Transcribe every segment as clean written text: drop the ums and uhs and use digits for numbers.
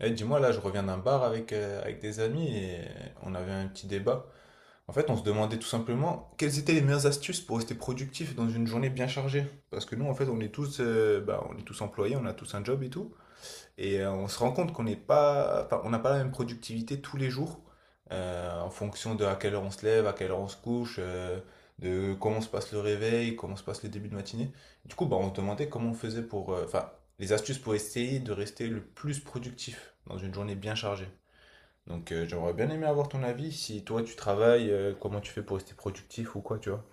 Eh, dis-moi, là, je reviens d'un bar avec, avec des amis et on avait un petit débat. En fait, on se demandait tout simplement quelles étaient les meilleures astuces pour rester productif dans une journée bien chargée. Parce que nous, en fait, on est tous, on est tous employés, on a tous un job et tout. Et on se rend compte qu'on n'est pas, enfin, on n'a pas la même productivité tous les jours, en fonction de à quelle heure on se lève, à quelle heure on se couche, de comment se passe le réveil, comment se passe les débuts de matinée. Du coup, bah, on se demandait comment on faisait pour, enfin, les astuces pour essayer de rester le plus productif dans une journée bien chargée. Donc, j'aurais bien aimé avoir ton avis. Si toi tu travailles, comment tu fais pour rester productif ou quoi, tu vois?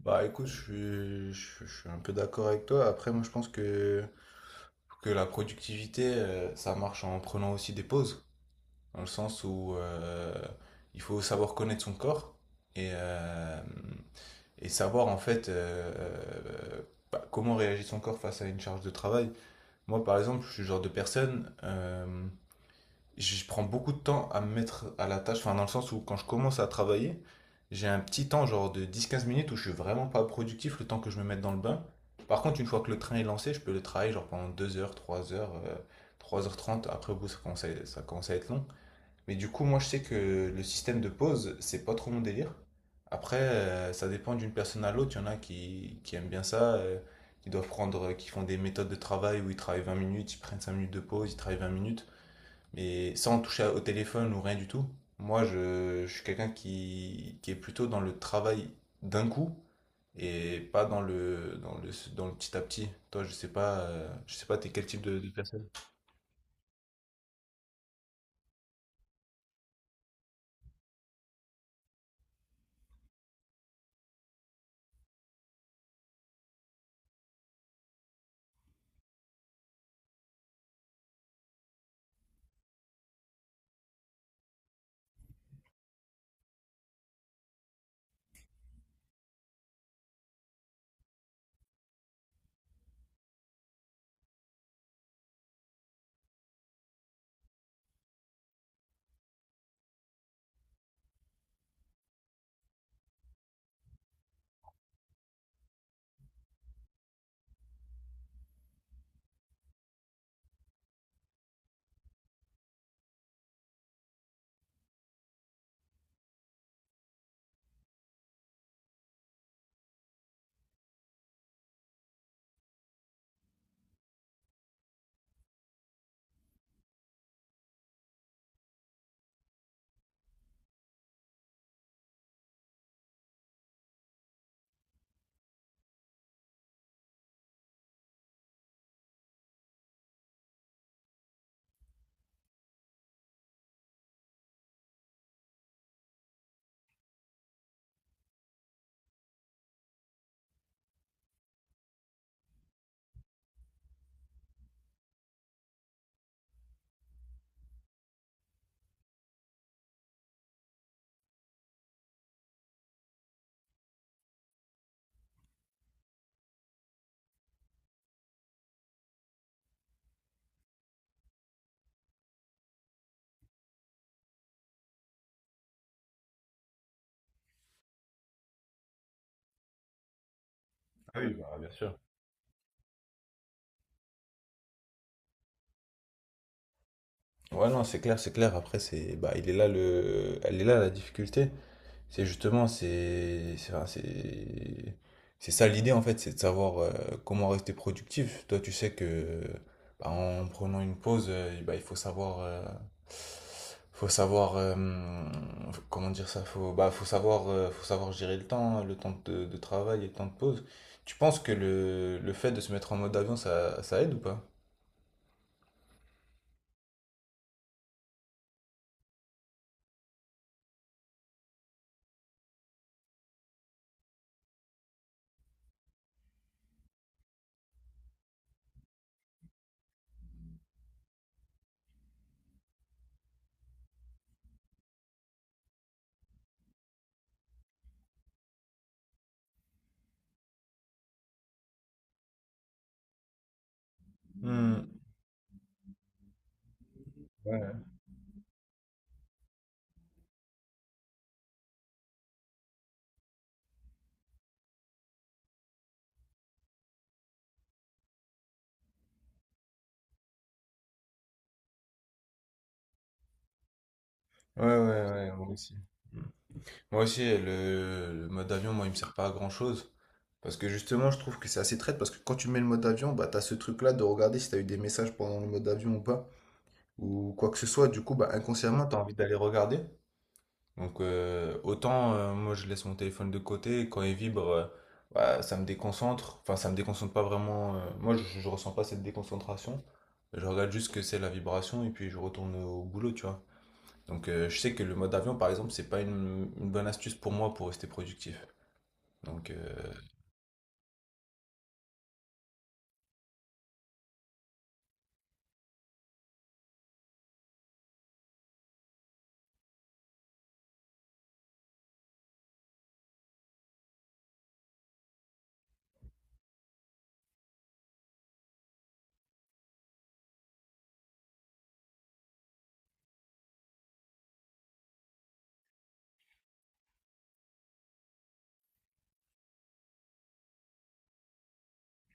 Bah écoute, je suis un peu d'accord avec toi. Après, moi je pense que la productivité, ça marche en prenant aussi des pauses, dans le sens où il faut savoir connaître son corps et et savoir en fait comment réagit son corps face à une charge de travail. Moi, par exemple, je suis le genre de personne, je prends beaucoup de temps à me mettre à la tâche, enfin dans le sens où quand je commence à travailler, j'ai un petit temps genre de 10 15 minutes où je suis vraiment pas productif le temps que je me mette dans le bain. Par contre, une fois que le train est lancé, je peux le travailler genre pendant 2 heures, 3 heures, 3h30. Après, au bout, ça commence à être long. Mais du coup, moi, je sais que le système de pause, c'est pas trop mon délire. Après, ça dépend d'une personne à l'autre. Il y en a qui aiment bien ça, qui font des méthodes de travail où ils travaillent 20 minutes, ils prennent 5 minutes de pause, ils travaillent 20 minutes mais sans toucher au téléphone ou rien du tout. Moi, je suis quelqu'un qui est plutôt dans le travail d'un coup et pas dans le petit à petit. Toi, je sais pas, t'es quel type de personne? Ah oui, bah, bien sûr. Ouais, non, c'est clair, c'est clair. Après, c'est, bah, il est là le, elle est là la difficulté. C'est justement, c'est enfin, c'est ça l'idée en fait, c'est de savoir comment rester productif. Toi, tu sais que bah, en prenant une pause, il faut savoir, faut savoir euh, comment dire ça, faut savoir gérer le temps de travail et le temps de pause. Tu penses que le fait de se mettre en mode avion, ça aide ou pas? Hmm. Ouais, Ouais, ouais, ouais, moi aussi. Moi aussi, le mode avion, moi, il me sert pas à grand-chose. Parce que justement, je trouve que c'est assez traite. Parce que quand tu mets le mode avion, bah, t'as ce truc-là de regarder si t'as eu des messages pendant le mode avion ou pas. Ou quoi que ce soit. Du coup, bah, inconsciemment, t'as envie d'aller regarder. Donc, moi, je laisse mon téléphone de côté. Et quand il vibre, bah, ça me déconcentre. Enfin, ça me déconcentre pas vraiment. Moi, je ressens pas cette déconcentration. Je regarde juste ce que c'est la vibration. Et puis, je retourne au boulot, tu vois. Donc je sais que le mode avion, par exemple, c'est pas une, une bonne astuce pour moi pour rester productif. Donc euh,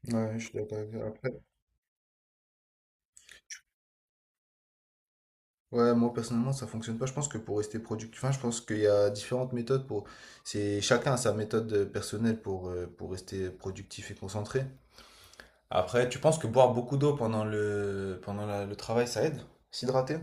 Ouais, je suis d'accord avec toi. Après, ouais, moi personnellement, ça fonctionne pas. Je pense que pour rester productif, enfin, je pense qu'il y a différentes méthodes pour. C'est chacun a sa méthode personnelle pour rester productif et concentré. Après, tu penses que boire beaucoup d'eau pendant le travail, ça aide? S'hydrater?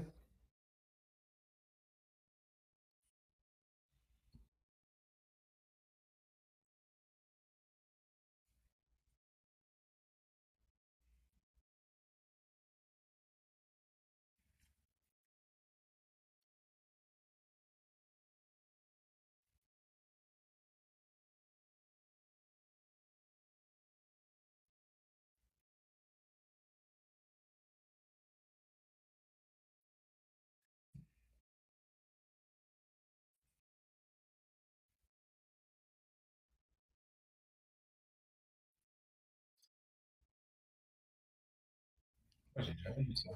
Ah, j'ai jamais vu ça.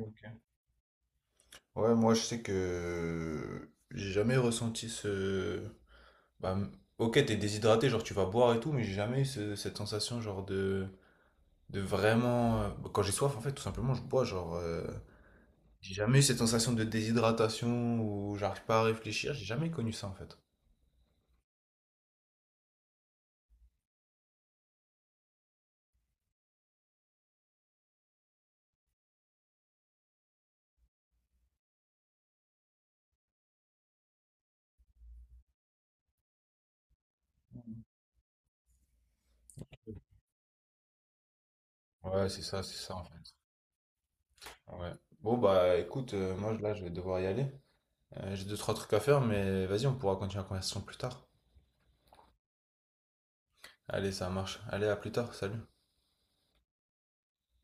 Ok. Ouais, moi je sais que j'ai jamais ressenti ce, bah, ok, t'es déshydraté, genre tu vas boire et tout, mais j'ai jamais eu cette sensation genre de vraiment... Quand j'ai soif, en fait, tout simplement, je bois, genre... J'ai jamais eu cette sensation de déshydratation où j'arrive pas à réfléchir, j'ai jamais connu ça, en fait. Ouais, c'est ça, en fait. Ouais. Bon, bah écoute, moi là, je vais devoir y aller. J'ai deux, trois trucs à faire, mais vas-y, on pourra continuer la conversation plus tard. Allez, ça marche. Allez, à plus tard, salut.